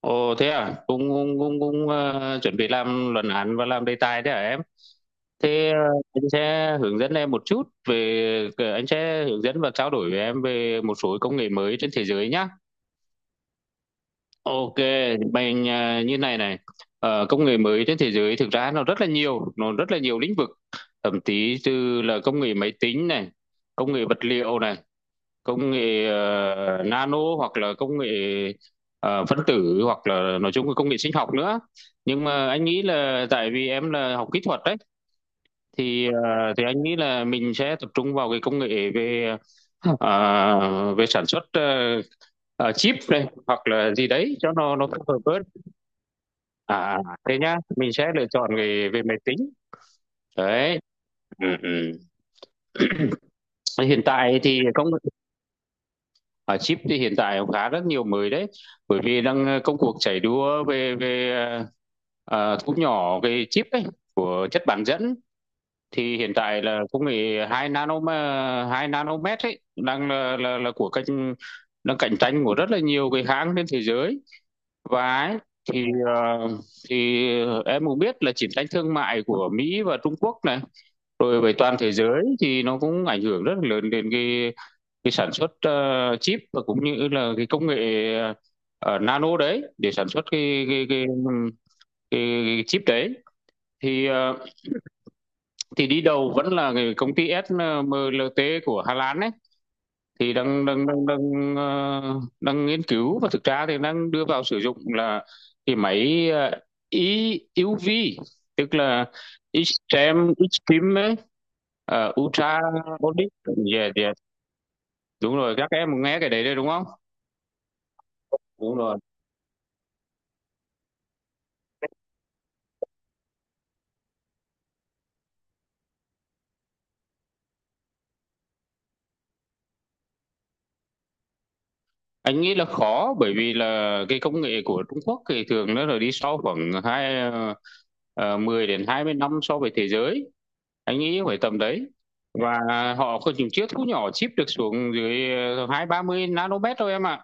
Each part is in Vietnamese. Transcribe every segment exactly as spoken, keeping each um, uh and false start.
Ồ, thế à? Cũng cũng cũng, cũng ờ, chuẩn bị làm luận án và làm đề tài thế à em? Thế, ờ, anh sẽ hướng dẫn em một chút về anh sẽ hướng dẫn và trao đổi với em về một số công nghệ mới trên thế giới nhá. Ok, mình ờ, như này này. Ờ, công nghệ mới trên thế giới thực ra nó rất là nhiều, nó rất là nhiều lĩnh vực. Thậm chí từ là công nghệ máy tính này, công nghệ vật liệu này, công nghệ ờ, nano, hoặc là công nghệ ờ, phân tử, hoặc là nói chung là công nghệ sinh học nữa. Nhưng mà anh nghĩ là, tại vì em là học kỹ thuật đấy, thì ờ, thì anh nghĩ là mình sẽ tập trung vào cái công nghệ về ờ, về sản xuất ờ, ờ, chip này hoặc là gì đấy cho nó nó phù hợp hơn. À, thế nhá, mình sẽ lựa chọn về về máy tính đấy. Ừ, ừ. hiện tại thì công À, chip thì hiện tại cũng khá rất nhiều mới đấy, bởi vì đang ờ, công cuộc chạy đua về về ờ, ờ, thu nhỏ cái chip ấy, của chất bán dẫn. Thì hiện tại là công nghệ hai nano hai nanomet ấy, đang là, là, là của cạnh đang cạnh tranh của rất là nhiều cái hãng trên thế giới, và ấy, thì ờ, thì em cũng biết là chiến tranh thương mại của Mỹ và Trung Quốc này, rồi về toàn thế giới, thì nó cũng ảnh hưởng rất là lớn đến cái cái sản xuất ờ, chip và cũng như là cái công nghệ ờ, ờ, nano đấy, để sản xuất cái cái cái, cái, cái chip đấy. Thì ờ, thì đi đầu vẫn là cái công ty ét em lờ tê của Hà Lan ấy, thì đang đang đang đang ờ, đang nghiên cứu, và thực ra thì đang đưa vào sử dụng là cái máy ờ, i u vi, tức là extreme extreme ấy, uh, ultra audit. Yeah, yeah. Đúng rồi, các em nghe cái đấy đấy đúng không? Đúng rồi. Anh nghĩ là khó, bởi vì là cái công nghệ của Trung Quốc thì thường nó là đi sau khoảng hai ờ, mười đến hai mươi năm so với thế giới, anh nghĩ phải tầm đấy. Và họ có những chiếc thu nhỏ chip được xuống dưới ờ, hai ba mươi nanomet thôi em ạ.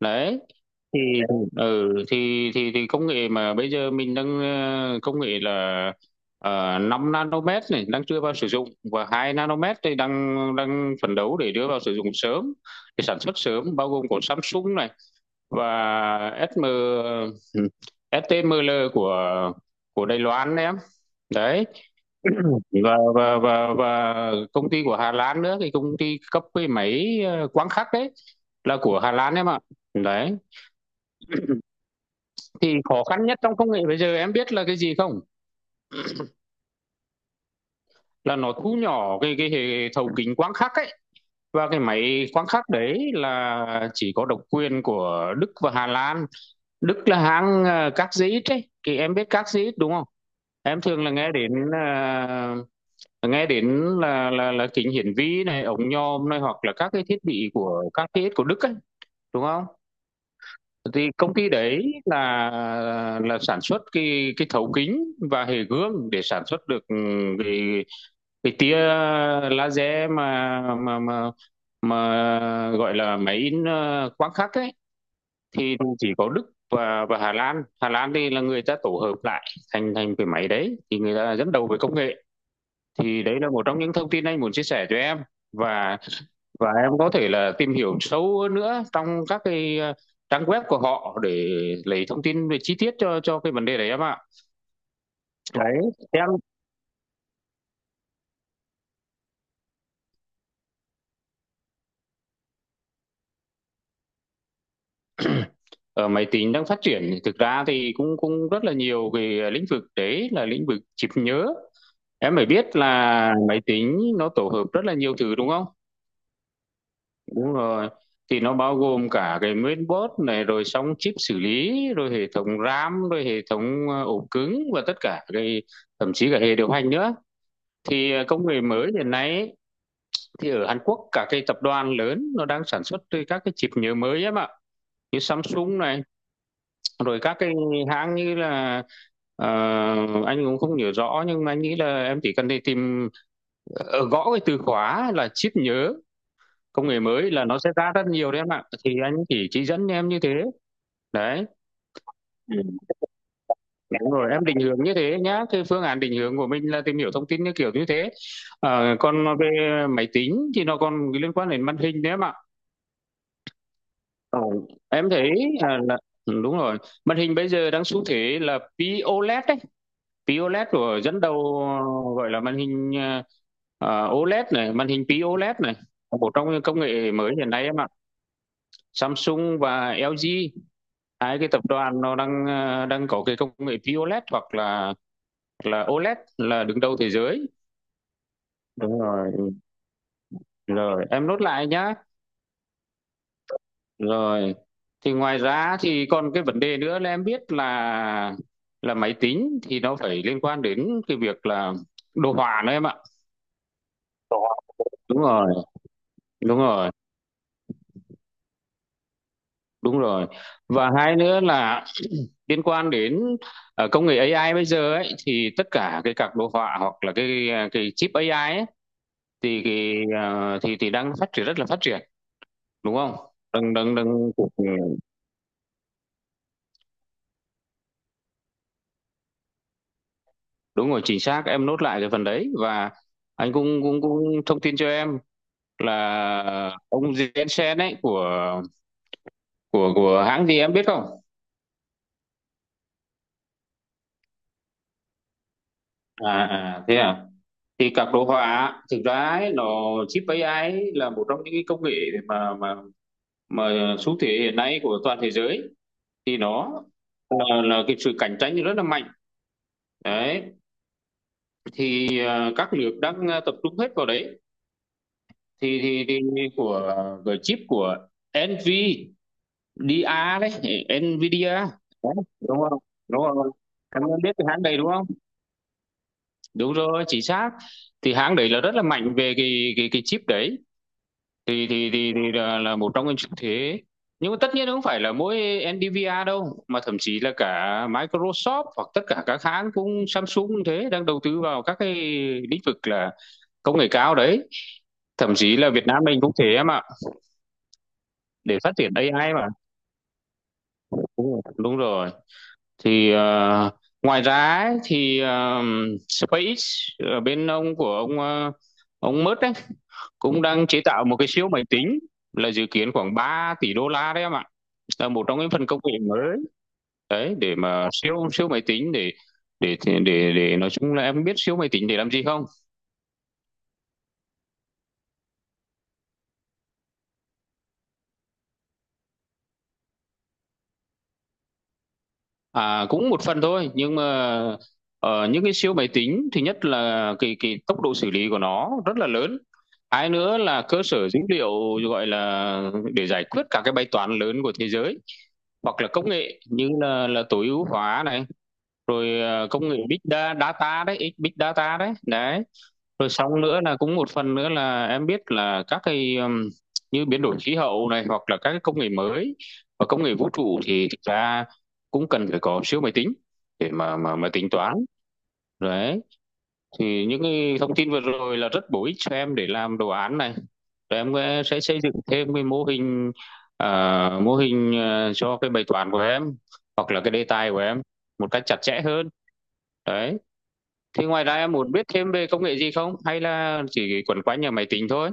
Đấy. Thì ừ thì thì thì công nghệ mà bây giờ mình đang, ờ, công nghệ là uh, năm nanomet này đang chưa vào sử dụng, và hai nanomet thì đang đang phấn đấu để đưa vào sử dụng sớm, để sản xuất sớm, bao gồm của Samsung này và ét em ừ, ét tê Müller của của Đài Loan đấy em. Đấy. Và và và và công ty của Hà Lan nữa, thì công ty cấp cái máy ờ, quang khắc đấy là của Hà Lan em ạ. Đấy. Thì khó khăn nhất trong công nghệ bây giờ em biết là cái gì không? Là nó thu nhỏ cái cái hệ thấu kính quang khắc ấy. Và cái máy quang khắc đấy là chỉ có độc quyền của Đức và Hà Lan. Đức là hãng ờ, Các ấy, thì em biết Các đúng không? Em thường là nghe đến, à, nghe đến là là là kính hiển vi này, ống nhòm này, hoặc là các cái thiết bị của các cái của Đức ấy, đúng không? Thì công ty đấy là là sản xuất cái cái thấu kính và hệ gương để sản xuất được ừ, cái cái tia laser mà mà mà mà gọi là máy in ờ, quang khắc ấy. Thì chỉ có Đức và và Hà Lan, Hà Lan thì là người ta tổ hợp lại thành thành cái máy đấy. Thì người ta là dẫn đầu về công nghệ. Thì đấy là một trong những thông tin anh muốn chia sẻ cho em, và và em có thể là tìm hiểu sâu hơn nữa trong các cái ờ, trang web của họ để lấy thông tin về chi tiết cho cho cái vấn đề đấy em ạ. Đấy. Em, ở máy tính đang phát triển thì thực ra thì cũng cũng rất là nhiều cái lĩnh vực, đấy là lĩnh vực chip nhớ. Em phải biết là máy tính nó tổ hợp rất là nhiều thứ đúng không? Đúng rồi. Thì nó bao gồm cả cái main board này, rồi xong chip xử lý, rồi hệ thống RAM, rồi hệ thống ờ, ổ cứng và tất cả cái, thậm chí cả hệ điều hành nữa. Thì ờ, công nghệ mới hiện nay ấy, thì ở Hàn Quốc cả cái tập đoàn lớn nó đang sản xuất từ các cái chip nhớ mới em ạ. Như Samsung này, rồi các cái hãng như là, ờ, anh cũng không nhớ rõ, nhưng mà anh nghĩ là em chỉ cần đi tìm, ờ, gõ cái từ khóa là chip nhớ. Công nghệ mới là nó sẽ ra rất nhiều đấy em ạ, thì anh chỉ chỉ dẫn em như thế. Đấy. Ừ. Đúng rồi, em định hướng như thế nhá. Cái phương án định hướng của mình là tìm hiểu thông tin như kiểu như thế. Ờ, còn về máy tính thì nó còn liên quan đến màn hình đấy em ạ. Ờ, em thấy, à, là ừ, đúng rồi. Màn hình bây giờ đang xu thế là pô lét đấy. pô lét của dẫn đầu, gọi là màn hình, à, à, ô lét này, màn hình pô lét này. Một trong những công nghệ mới hiện nay em ạ. Samsung và eo chi, hai cái tập đoàn nó đang ờ, đang có cái công nghệ pê ô e lờ đê hoặc là là ô e lờ đê là đứng đầu thế giới, đúng rồi. Rồi em nốt lại nhá. Rồi. Thì ngoài ra thì còn cái vấn đề nữa là, em biết là, là máy tính thì nó phải liên quan đến cái việc là đồ họa nữa em ạ. Đúng rồi. Đúng rồi. Đúng rồi. Và hai nữa là liên quan đến ờ, công nghệ a i bây giờ ấy, thì tất cả cái các đồ họa hoặc là cái cái chip a i ấy, thì cái, à, thì thì đang phát triển rất là phát triển, đúng không? Đừng đừng đừng. Đúng rồi, chính xác, em nốt lại cái phần đấy. Và anh cũng cũng cũng thông tin cho em là, ông Jensen ấy, của của của hãng gì em biết không? À à, thế à? Thì các đồ họa thực ra ấy, nó, chip a i ấy, là một trong những cái công nghệ mà mà mà xu thế hiện nay của toàn thế giới. Thì nó là, là cái sự cạnh tranh rất là mạnh đấy. Thì à, các nước đang à, tập trung hết vào đấy. Thì thì thì của của chip của NVIDIA đấy. NVIDIA, đúng không? Đúng không? Anh, em biết cái hãng đấy đúng không? Đúng rồi, chính xác. Thì hãng đấy là rất là mạnh về cái cái cái chip đấy. Thì thì thì, thì là, là một trong những xu thế. Nhưng mà tất nhiên không phải là mỗi NVIDIA đâu, mà thậm chí là cả Microsoft hoặc tất cả các hãng, cũng Samsung cũng thế, đang đầu tư vào các cái lĩnh vực là công nghệ cao đấy, thậm chí là Việt Nam mình cũng thế em ạ, để phát triển a i mà. Đúng rồi. Đúng rồi. Thì ờ, ngoài ra ấy, thì ờ, SpaceX, ở bên ông của ông, ờ, ông Musk ấy, cũng đang chế tạo một cái siêu máy tính, là dự kiến khoảng ba tỷ đô la đấy em ạ. Là một trong những phần công nghệ mới đấy, để mà siêu siêu máy tính, để để để, để nói chung là, em biết siêu máy tính để làm gì không? À, cũng một phần thôi nhưng mà ở những cái siêu máy tính thì nhất là cái cái tốc độ xử lý của nó rất là lớn, hai nữa là cơ sở dữ liệu, gọi là để giải quyết các cái bài toán lớn của thế giới, hoặc là công nghệ như là là tối ưu hóa này, rồi à, công nghệ big da- data đấy, big data đấy đấy. Rồi xong nữa là cũng một phần nữa là em biết là các cái um, như biến đổi khí hậu này, hoặc là các cái công nghệ mới và công nghệ vũ trụ thì thực ra cũng cần phải có siêu máy tính để mà mà mà tính toán. Đấy, thì những cái thông tin vừa rồi là rất bổ ích cho em để làm đồ án này, rồi em sẽ sẽ xây dựng thêm cái mô hình, à, mô hình, à, cho cái bài toán của em hoặc là cái đề tài của em một cách chặt chẽ hơn. Đấy. Thế ngoài ra em muốn biết thêm về công nghệ gì không? Hay là chỉ quẩn quanh nhà máy tính thôi?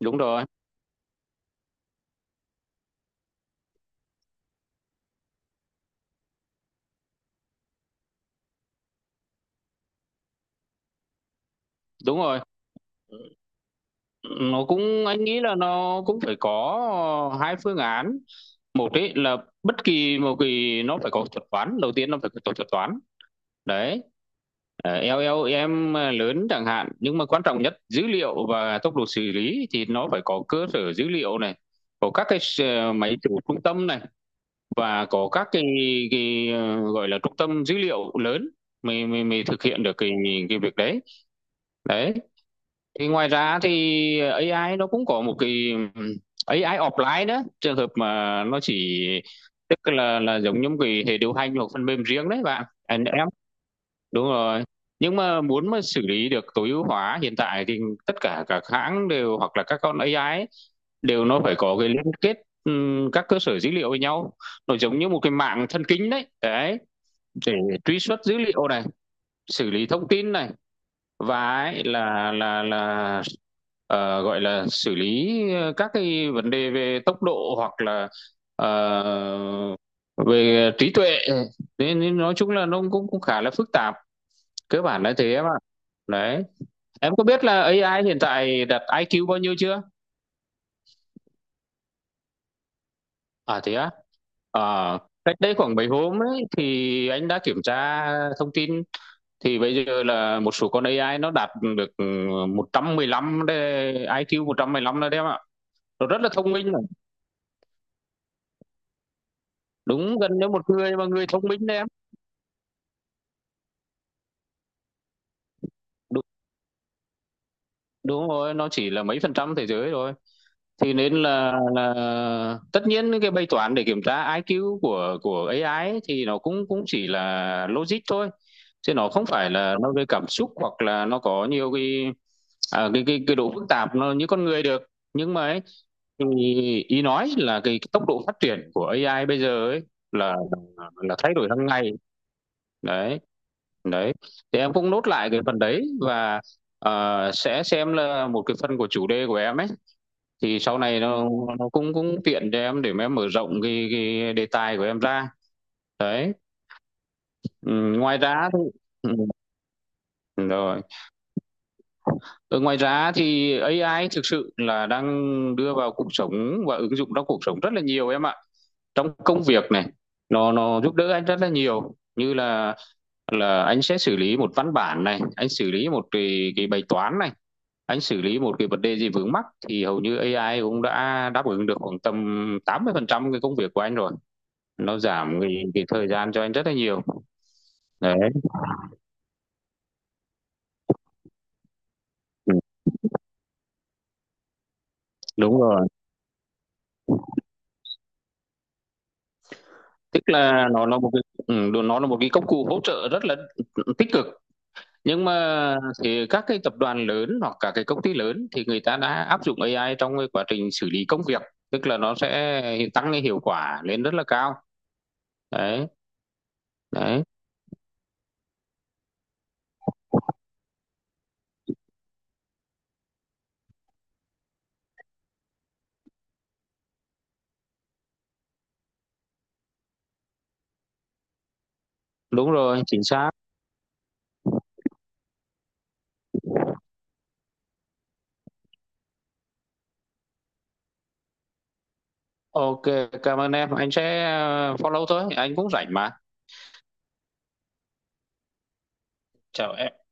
Đúng rồi, đúng rồi. Nó cũng, anh nghĩ là nó cũng phải có hai phương án. Một ấy là bất kỳ một kỳ nó phải có thuật toán, đầu tiên nó phải có thuật toán. Đấy. Ờ, eo eo em lớn chẳng hạn, nhưng mà quan trọng nhất dữ liệu và tốc độ xử lý thì nó phải có cơ sở dữ liệu này, có các cái s- ờ, máy chủ trung tâm này, và có các cái cái, ờ, gọi là trung tâm dữ liệu lớn, mới mới mới thực hiện được cái cái việc đấy. Đấy, thì ngoài ra thì a i nó cũng có một cái, ừm, a i offline đó, trường hợp mà nó chỉ, tức là là giống như một cái hệ điều hành hoặc phần mềm riêng đấy bạn anh em. Đúng rồi, nhưng mà muốn mà xử lý được tối ưu hóa hiện tại thì tất cả các hãng đều, hoặc là các con a i ấy, đều nó phải có cái liên kết, ừm, các cơ sở dữ liệu với nhau, nó giống như một cái mạng thần kinh đấy đấy, để truy xuất dữ liệu này, xử lý thông tin này, và ấy là là là ờ, gọi là xử lý, ờ, các cái vấn đề về tốc độ, hoặc là ờ, về trí tuệ, nên, nên nói chung là nó cũng cũng khá là phức tạp, cơ bản là thế em ạ. Đấy, em có biết là a i hiện tại đặt ai kiu bao nhiêu chưa? À thế à? Ờ, cách đây khoảng mấy hôm ấy thì anh đã kiểm tra thông tin, thì bây giờ là một số con a i nó đạt được ừ, một trăm mười lăm đấy, ai kiu một trăm mười lăm đấy em ạ. Nó rất là thông minh rồi. Đúng, gần như một người mà người thông minh đấy em. Đúng, đúng rồi, nó chỉ là mấy phần trăm thế giới rồi. Thì nên là là tất nhiên cái bài toán để kiểm tra ai kiu của của a i ấy, thì nó cũng cũng chỉ là logic thôi. Chứ nó không phải là nó về cảm xúc, hoặc là nó có nhiều cái à, cái cái cái độ phức tạp nó như con người được. Nhưng mà ấy, thì ý nói là cái tốc độ phát triển của a i bây giờ ấy là là, là thay đổi hàng ngày. Đấy, đấy. Thì em cũng nốt lại cái phần đấy, và à, sẽ xem là một cái phần của chủ đề của em ấy, thì sau này nó nó cũng cũng tiện cho em để mà em mở rộng cái cái đề tài của em ra. Đấy. Ừm, ngoài ra thì, ừm, rồi. Ở ngoài ra thì a i thực sự là đang đưa vào cuộc sống và ứng dụng trong cuộc sống rất là nhiều em ạ. Trong công việc này, nó nó giúp đỡ anh rất là nhiều, như là là anh sẽ xử lý một văn bản này, anh xử lý một cái cái bài toán này, anh xử lý một cái vấn đề gì vướng mắc, thì hầu như a i cũng đã đáp ứng được khoảng tầm tám mươi phần trăm cái công việc của anh rồi. Nó giảm cái cái thời gian cho anh rất là nhiều. Đấy, ừm, đúng rồi. Tức là nó là một cái ừm, đ nó là một cái công cụ hỗ trợ rất là tích cực, nhưng mà thì các cái tập đoàn lớn hoặc cả cái công ty lớn thì người ta đã áp dụng a i trong cái quá trình xử lý công việc, tức là nó sẽ tăng cái hiệu quả lên rất là cao. Đấy, đấy, đúng rồi, chính xác. OK, cảm ơn em, anh sẽ, ờ, follow thôi, anh cũng rảnh mà. Chào em.